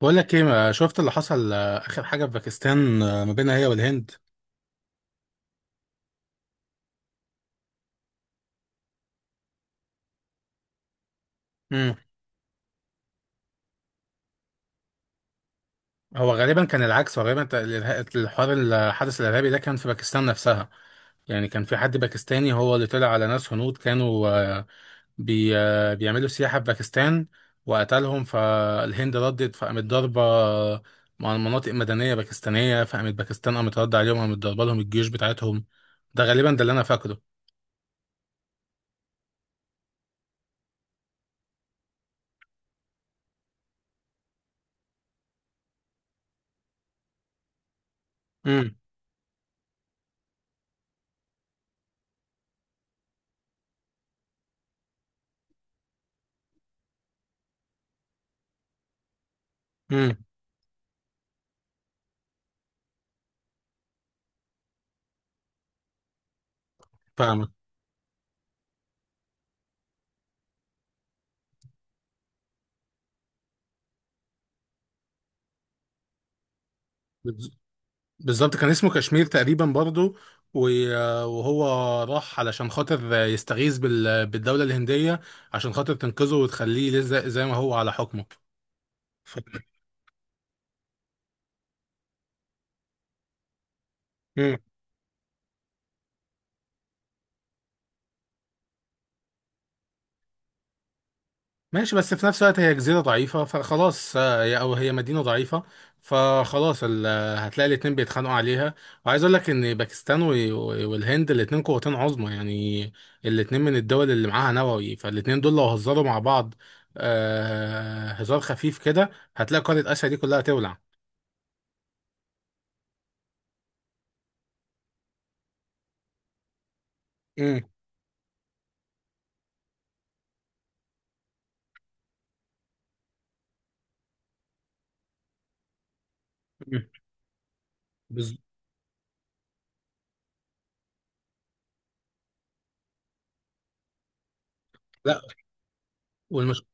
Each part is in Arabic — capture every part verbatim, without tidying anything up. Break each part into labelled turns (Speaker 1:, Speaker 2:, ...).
Speaker 1: بقول لك ايه، ما شفت اللي حصل؟ آه، اخر حاجه في باكستان آه، ما بينها هي والهند. امم. هو غالبا كان العكس. هو غالبا ت- الإرها- الحوار الحدث الارهابي ده كان في باكستان نفسها. يعني كان في حد باكستاني هو اللي طلع على ناس هنود كانوا آه، بي آه، بيعملوا سياحه في باكستان وقتلهم، فالهند ردت فقامت ضاربه آه، مع مناطق مدنيه باكستانيه، فقامت باكستان قامت رد عليهم، قامت ضاربه لهم الجيوش بتاعتهم. ده غالبا ده اللي انا فاكره. امم. امم. فاهمك. بالظبط كان اسمه كشمير تقريبا برضه، و- وهو راح علشان خاطر يستغيث بال- بالدولة الهندية عشان خاطر تنقذه وتخليه لز- زي ما هو على حكمه. ف... ماشي، بس في نفس الوقت هي جزيرة ضعيفة، فخلاص آه، هي أو هي مدينة ضعيفة، فخلاص ال- آه، هتلاقي الاتنين بيتخانقوا عليها. وعايز أقول لك إن باكستان و- والهند الاتنين قوتين عظمى يعني. الاتنين من الدول اللي معاها نووي، فالاتنين دول لو هزروا مع بعض آه، هزار خفيف كده هتلاقي قارة آسيا دي كلها تولع. امم. بز... لا. والمشكلة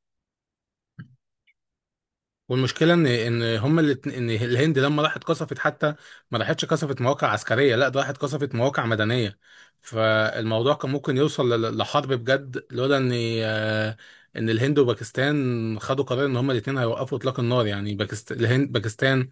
Speaker 1: والمشكله ان ان هم اللي ان الهند لما راحت قصفت حتى ما راحتش قصفت مواقع عسكريه، لا ده راحت قصفت مواقع مدنيه. فالموضوع كان ممكن يوصل ل- لحرب بجد لولا ان آه، ان الهند وباكستان خدوا قرار ان هم الاثنين هيوقفوا اطلاق النار، يعني باكستان الهند باكستان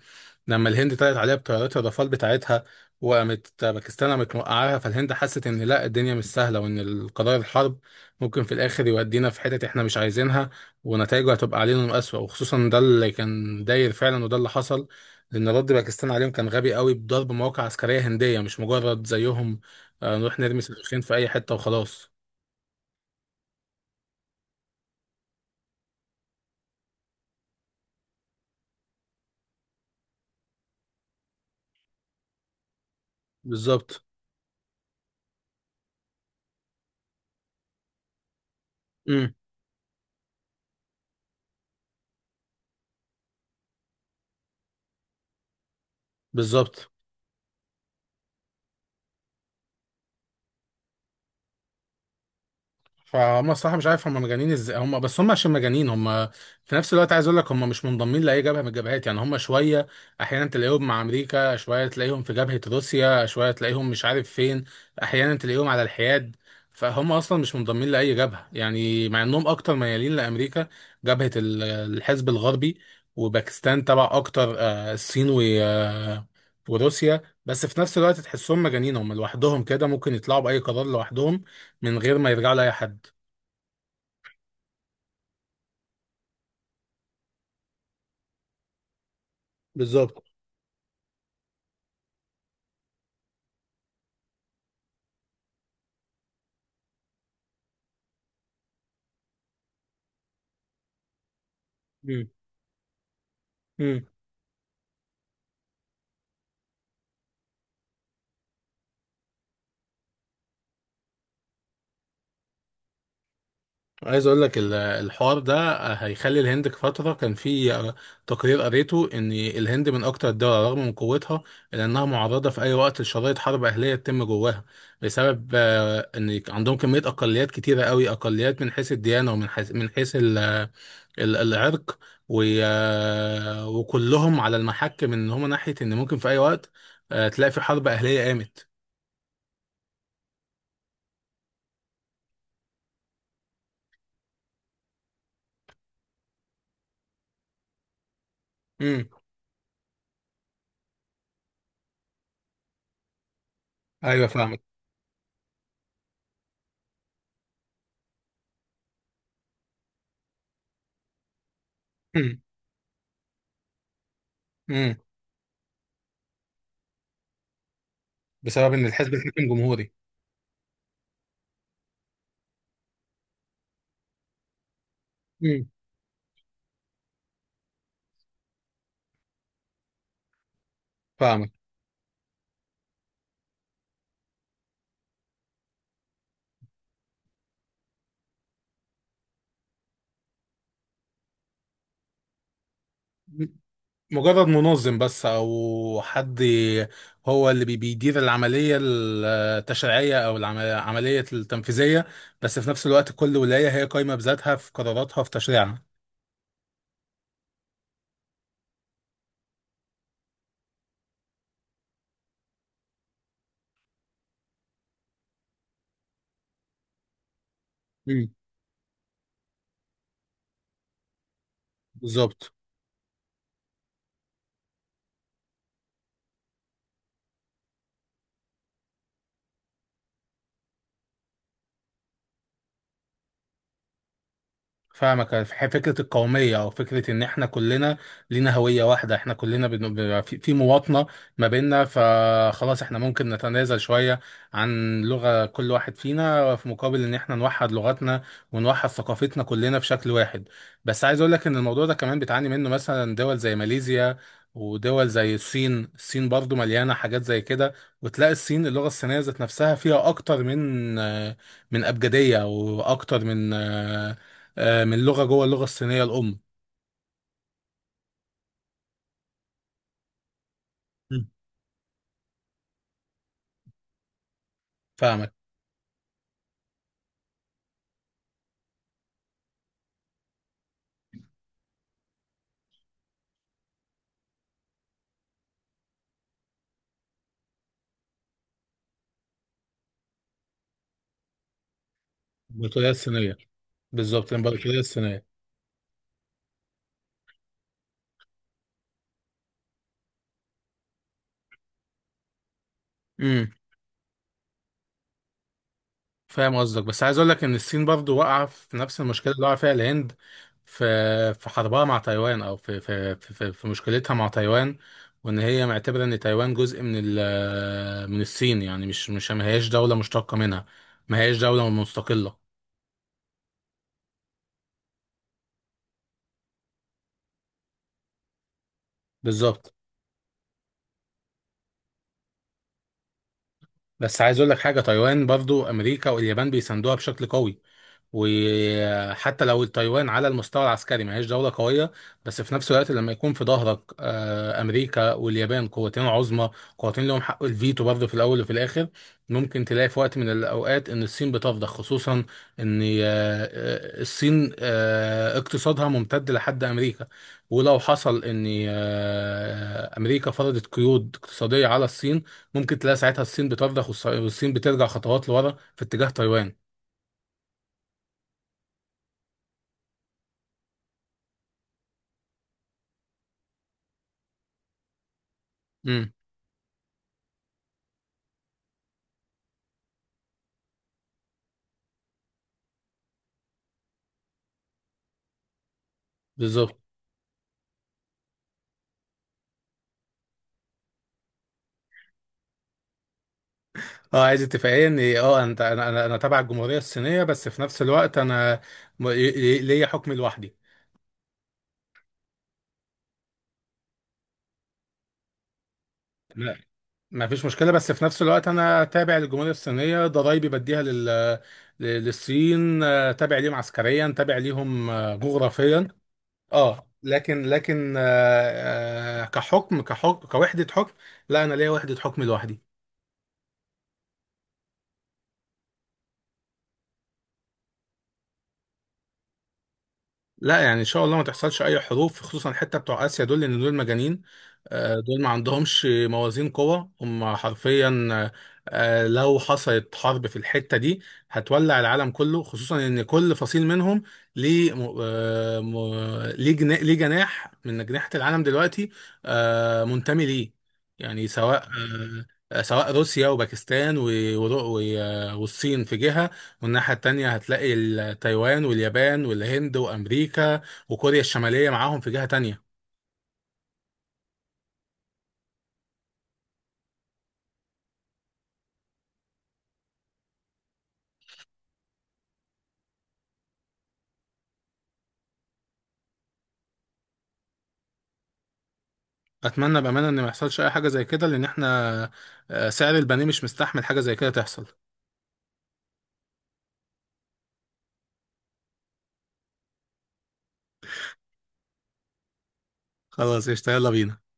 Speaker 1: لما الهند طلعت عليها بطيارات الرافال بتاعتها وقامت باكستان قامت موقعاها، فالهند حست ان لا، الدنيا مش سهله، وان القرار الحرب ممكن في الاخر يودينا في حتت احنا مش عايزينها ونتائجه هتبقى علينا اسوأ، وخصوصا ده اللي كان داير فعلا وده اللي حصل، لان رد باكستان عليهم كان غبي قوي بضرب مواقع عسكريه هنديه، مش مجرد زيهم آه، نروح نرمي صاروخين في اي حته وخلاص. بالظبط. امم. بالظبط. فهم الصراحه مش عارف هم مجانين ازاي، هم بس هم عشان مجانين هم في نفس الوقت. عايز اقول لك هم مش منضمين لاي جبهه من الجبهات، يعني هم شويه احيانا تلاقيهم مع امريكا، شويه تلاقيهم في جبهه روسيا، شويه تلاقيهم مش عارف فين، احيانا تلاقيهم على الحياد. فهم اصلا مش منضمين لاي جبهه، يعني مع انهم اكتر ميالين لامريكا، جبهه ال- الحزب الغربي، وباكستان تبع اكتر آه، الصين و- وروسيا، بس في نفس الوقت تحسهم مجانين هم لوحدهم كده، ممكن يطلعوا باي قرار لوحدهم من غير ما يرجعوا لاي حد. بالظبط. مم. مم. عايز اقول لك ال- الحوار ده هيخلي الهند في فتره. كان في آه، تقرير قريته ان الهند من اكتر الدول رغم من قوتها الا انها معرضه في اي وقت لشرائط حرب اهليه تتم جواها بسبب آه، ان عندهم كميه اقليات كتيره قوي، اقليات من حيث الديانه، ومن حيث من حيث ال- ال- العرق، و- آه، وكلهم على المحك من ان هم ناحيه ان ممكن في اي وقت آه، تلاقي في حرب اهليه قامت. مم. ايوه فاهمك. مم. مم. بسبب ان الحزب الحاكم جمهوري. مم. فاهمك. مجرد منظم بس او حد هو اللي بي- بيدير العمليه التشريعيه او العم- العمليه التنفيذيه، بس في نفس الوقت كل ولايه هي قايمه بذاتها في قراراتها في تشريعها. مم. بالظبط. فاهمك. ح- فكرة القومية أو فكرة إن إحنا كلنا لينا هوية واحدة، إحنا كلنا بن... ب- في في مواطنة ما بيننا، فخلاص إحنا ممكن نتنازل شوية عن لغة كل واحد فينا في مقابل إن إحنا نوحد لغتنا ونوحد ثقافتنا كلنا في شكل واحد. بس عايز أقول لك إن الموضوع ده كمان بتعاني منه مثلا دول زي ماليزيا ودول زي الصين. الصين برضو مليانة حاجات زي كده، وتلاقي الصين اللغة الصينية ذات نفسها فيها أكتر من من أبجدية وأكتر من آه، من لغه جوه اللغه الصينيه الام. مم. فاهمك. الامبراطوريه الصينيه. بالظبط الامبراطوريه الصينيه. امم. فاهم قصدك، بس عايز اقول لك ان الصين برضو واقعه في نفس المشكله اللي واقعه فيها الهند في في حربها مع تايوان، او في في في, في, في مشكلتها مع تايوان، وان هي معتبره ان تايوان جزء من ال من الصين يعني مش مش ما هياش دوله مشتقه منها، ما هياش دوله مستقله. بالظبط. بس عايز اقول لك حاجه، تايوان برضو امريكا واليابان بيساندوها بشكل قوي، وحتى لو التايوان على المستوى العسكري ما هيش دولة قوية، بس في نفس الوقت لما يكون في ظهرك آه، أمريكا واليابان قوتين عظمى، قوتين لهم حق الفيتو برضه في الأول وفي الآخر، ممكن تلاقي في وقت من الأوقات إن الصين بتفضح، خصوصا إن آه، آه، الصين آه، اقتصادها ممتد لحد أمريكا، ولو حصل إن آه، أمريكا فرضت قيود اقتصادية على الصين، ممكن تلاقي ساعتها الصين بتفضح والص- والصين بترجع خطوات لورا في اتجاه تايوان. امم. بالظبط. اه، عايز اتفاقيه ان إيه، اه انت انا انا انا تبع الجمهوريه الصينيه، بس في نفس الوقت انا م- لي- ليا حكم لوحدي. لا، ما فيش مشكله، بس في نفس الوقت انا تابع للجمهوريه الصينيه، ضرايبي بديها لل ل- للصين، آه، تابع ليهم عسكريا، تابع ليهم آه، جغرافيا. اه لكن لكن آه، آه، كحكم كحكم كوحده حكم. لا، انا ليا وحده حكم لوحدي. لا يعني ان شاء الله ما تحصلش اي حروف، خصوصا الحته بتوع اسيا دول لان دول مجانين، آه، دول ما عندهمش موازين قوه، هم حرفيا آه، لو حصلت حرب في الحته دي هتولع العالم كله، خصوصا ان كل فصيل منهم ليه م- آه، م- ليه جنا- ليه جناح من اجنحه العالم دلوقتي آه، منتمي ليه، يعني سواء آه، سواء روسيا وباكستان و- ور- و- آه، والصين في جهه، والناحية التانية هتلاقي ال- تايوان واليابان والهند وأمريكا وكوريا الشمالية معاهم في جهة تانية. أتمنى بأمانة إن ما يحصلش أي حاجة زي كده، لأن إحنا آه، سعر البني مش مستحمل حاجة زي كده تحصل. خلاص قشطة، يلا بينا.